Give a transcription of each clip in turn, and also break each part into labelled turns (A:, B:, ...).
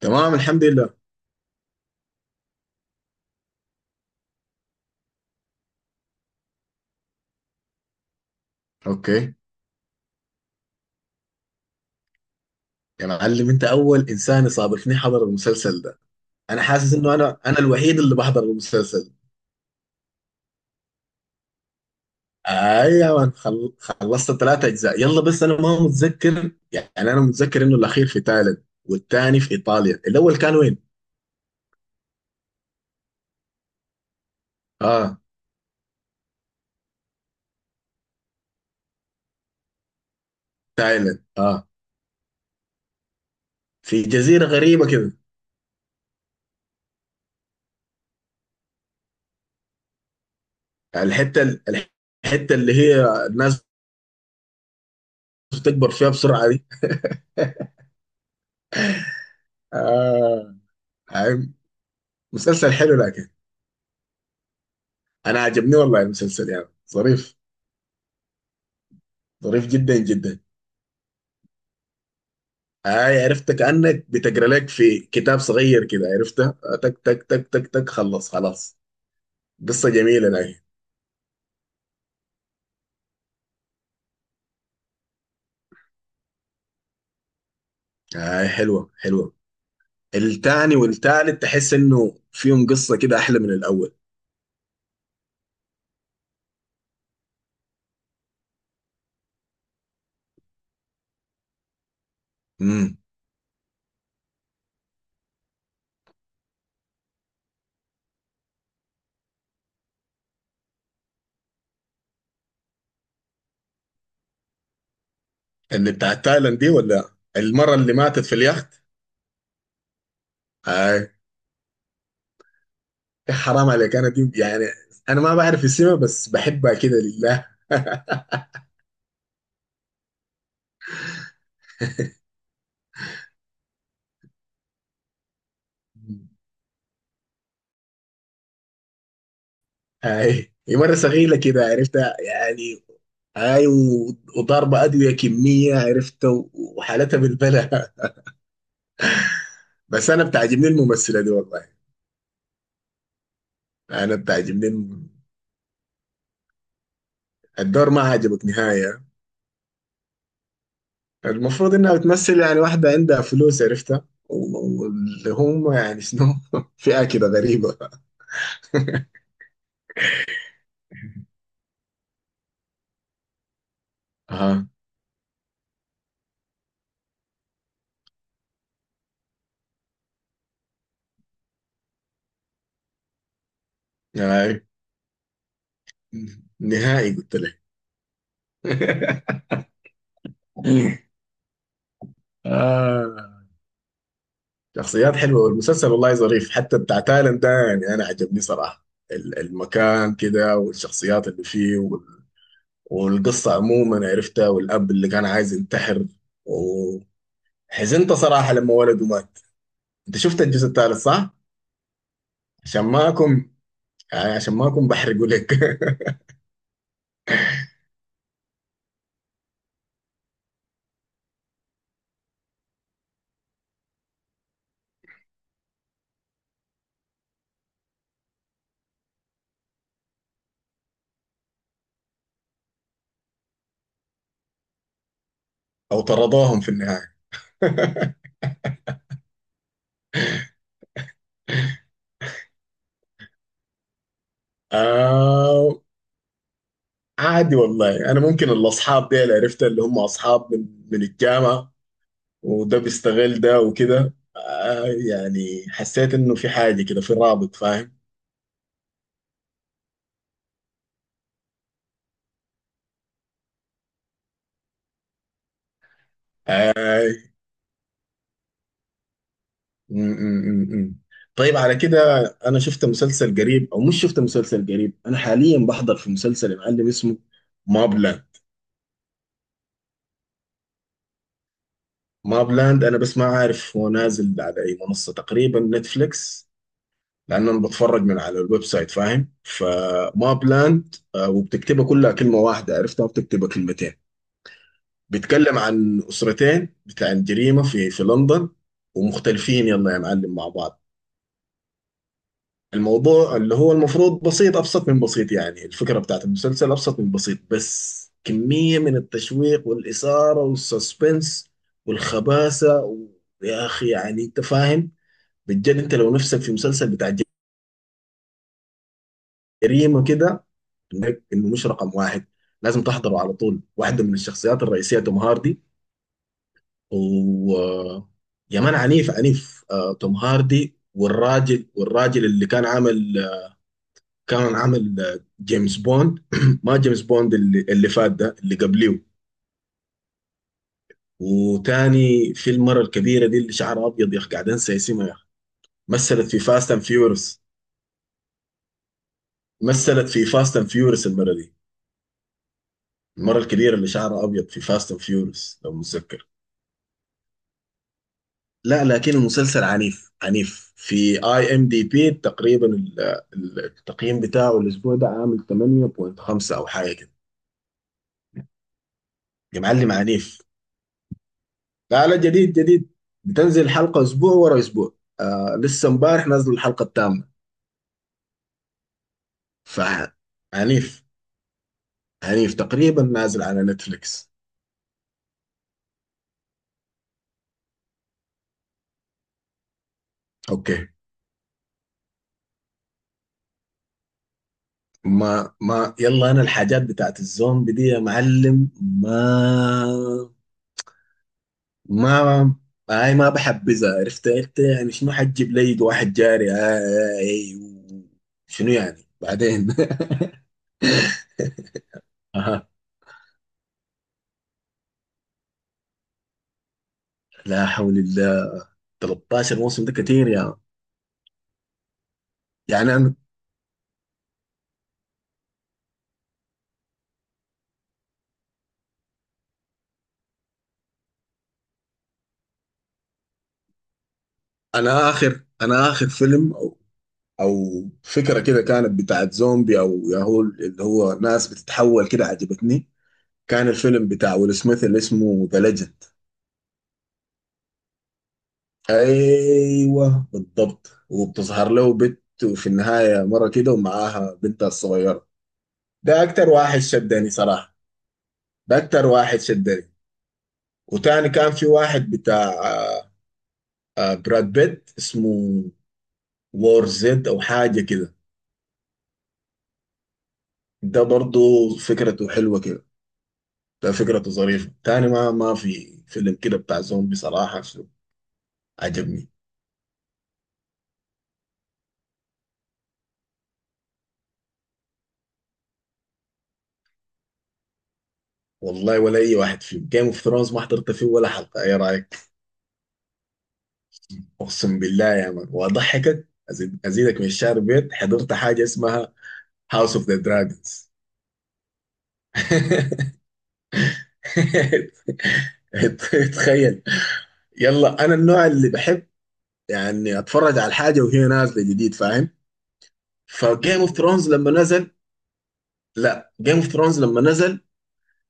A: تمام، الحمد لله. اوكي. يا معلم انت اول انسان يصادفني حضر المسلسل ده. انا حاسس انه انا الوحيد اللي بحضر المسلسل. اي يا مان، خلصت ثلاثة اجزاء. يلا بس انا ما متذكر، يعني انا متذكر انه الاخير في تايلاند والثاني في ايطاليا، الاول كان وين؟ اه تايلاند، اه في جزيرة غريبة كده. الحتة ال- الحتة اللي هي الناس بتكبر فيها بسرعة دي. آه. آه. مسلسل حلو لكن انا عجبني والله المسلسل، يعني ظريف، ظريف جدا جدا. اي عرفت كانك بتقرا لك في كتاب صغير كده، عرفتها، آه، تك تك تك تك تك خلص خلاص. قصه جميله لكن. اي، حلوه حلوه. التاني والتالت تحس انه فيهم قصه كده احلى من الاول. امم. اللي بتاع تايلاند دي ولا المره اللي ماتت في اليخت؟ اي يا حرام عليك، انا دي يعني انا ما بعرف اسمها بس بحبها كده لله. مم. اي هي مره صغيره كده عرفتها يعني. اي، وضاربه ادويه كميه، عرفت، وحالتها بالبلاء. بس انا بتعجبني الممثله دي والله. انا بتعجبني الم- الدور ما عجبك نهايه. المفروض انها بتمثل يعني واحده عندها فلوس، عرفتها، واللي هم يعني شنو، فئه كده غريبه. اها. اي. نهائي قلت لك. آه. شخصيات حلوه والمسلسل والله ظريف، حتى بتاع تايلاند ده يعني انا عجبني صراحه. المكان كده والشخصيات اللي فيه والقصة عموما، عرفتها، والأب اللي كان عايز ينتحر، وحزنت صراحة لما ولده مات. أنت شفت الجزء الثالث صح؟ عشان ما أكون، يعني عشان ما أكون بحرقه لك. أو طردوهم في النهاية. آه. عادي والله. أنا ممكن الأصحاب دي اللي عرفتها اللي هم أصحاب من الجامعة، وده بيستغل ده وكده، آه يعني حسيت إنه في حاجة كده، في رابط فاهم؟ آه، م. طيب على كده. انا شفت مسلسل قريب، او مش شفت مسلسل قريب، انا حاليا بحضر في مسلسل يا معلم اسمه ماب لاند. ماب لاند، انا بس ما عارف هو نازل على اي منصة، تقريبا نتفليكس، لان انا بتفرج من على الويب سايت فاهم؟ فماب لاند، آه، وبتكتبها كلها كلمة واحدة، عرفتها، وبتكتبها كلمتين. بيتكلم عن اسرتين بتاع الجريمة في لندن، ومختلفين يلا يا معلم مع بعض. الموضوع اللي هو المفروض بسيط أبسط من بسيط، يعني الفكرة بتاعت المسلسل أبسط من بسيط، بس كمية من التشويق والإثارة والسسبنس والخباثة و... يا أخي يعني أنت فاهم، بجد. أنت لو نفسك في مسلسل بتاع جريمة كده، إنك إنه مش رقم واحد، لازم تحضره على طول. واحدة من الشخصيات الرئيسية توم هاردي، و... يا مان عنيف عنيف، آه، توم هاردي، والراجل اللي كان عامل، كان عمل، آه، جيمس بوند. ما جيمس بوند اللي فات ده، اللي قبليه. وتاني في المرة الكبيرة دي اللي شعرها أبيض، يا أخي قاعد أنسى اسمها يا أخي. مثلت في فاست أند فيورس، مثلت في فاست أند فيورس المرة دي. المرة الكبيرة اللي شعرها أبيض في فاست أند فيورس لو متذكر. لا لكن المسلسل عنيف عنيف. في اي ام دي بي تقريبا التقييم بتاعه الاسبوع ده عامل 8.5 او حاجه كده. يا معلم عنيف. لا لا، جديد جديد. بتنزل حلقة أسبوع ورا أسبوع، آه لسه امبارح نازل الحلقة الثامنة. ف عنيف، عنيف. تقريبا نازل على نتفليكس. أوكي. ما يلا، أنا الحاجات بتاعت الزومبي دي يا معلم ما. ما هاي ما بحبذها، عرفت انت يعني شنو؟ حتجيب لي واحد جاري هاي شنو يعني بعدين؟ أها. لا حول الله، 13 موسم ده كتير يا. يعني انا، اخر فيلم او او فكره كده كانت بتاعت زومبي او ياهو، اللي هو ناس بتتحول كده، عجبتني. كان الفيلم بتاع ويل سميث اللي اسمه ذا ليجند. ايوه بالضبط. وبتظهر له بنت وفي النهايه مره كده ومعاها بنتها الصغيره. ده اكتر واحد شدني صراحه، ده اكتر واحد شدني. وتاني كان في واحد بتاع آه، آه، براد بيت اسمه وور زد او حاجه كده. ده برضو فكرته حلوه كده، ده فكرته ظريفة. تاني ما، ما في فيلم كده بتاع زومبي صراحة شو عجبني. والله ولا أي واحد فيهم. جيم اوف ثرونز ما حضرت فيه ولا حلقة، إيه رأيك؟ أقسم بالله يا مان، وأضحكك أزيد أزيدك من الشعر بيت، حضرت حاجة اسمها هاوس اوف ذا دراجونز. تخيل. يلا أنا النوع اللي بحب يعني أتفرج على الحاجة وهي نازلة جديد فاهم؟ فجيم اوف ثرونز لما نزل، لا جيم اوف ثرونز لما نزل،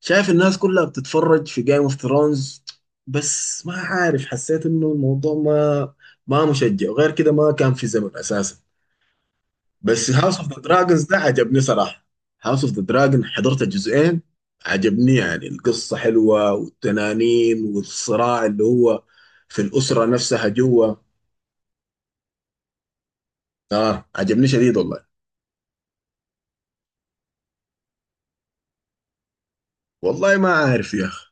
A: شايف الناس كلها بتتفرج في جيم اوف ثرونز، بس ما عارف حسيت انه الموضوع ما، ما مشجع، وغير كده ما كان في زمن اساسا. بس هاوس اوف ذا دراجونز ده عجبني صراحه. هاوس اوف ذا دراجون حضرت الجزئين. عجبني، يعني القصه حلوه والتنانين والصراع اللي هو في الاسره نفسها جوا. اه عجبني شديد والله. والله ما عارف يا اخي.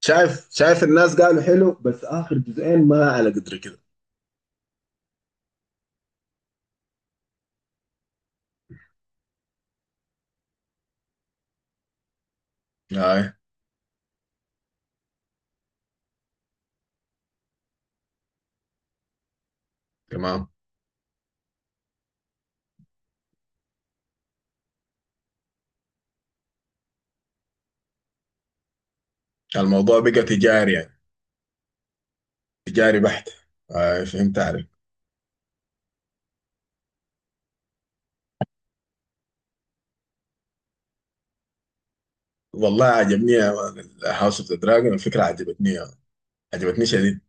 A: شايف، شايف الناس قالوا حلو بس اخر جزئين ما على قدر كده. آه. تمام. الموضوع بقى تجاري يعني، تجاري بحت. آه فهمت عليك. والله عجبني. هاوس اوف ذا دراجون الفكرة عجبتني، عجبتني شديد.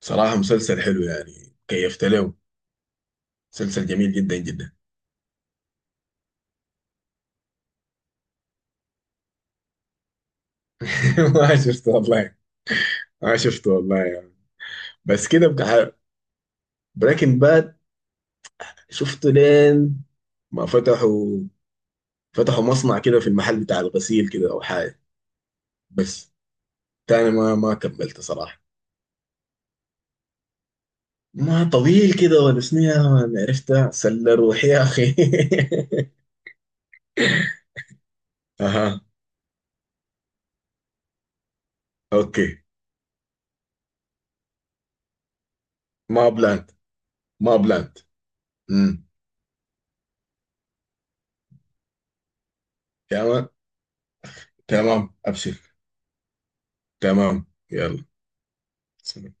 A: صراحة مسلسل حلو يعني كيفت له. مسلسل جميل جدا جدا. ما شفته والله، ما شفته والله يعني. بس كده بقى. بريكنج باد شفته لين ما فتحوا، فتحوا مصنع كده في المحل بتاع الغسيل كده او حاجة. بس تاني ما، ما كملت صراحة. ما طويل كده ولا شنو يا مان؟ عرفتها سلة روحي يا أخي. أها. أوكي. ما بلاند. ما بلاند. امم. تمام. تمام أبشر. تمام يلا. سلام.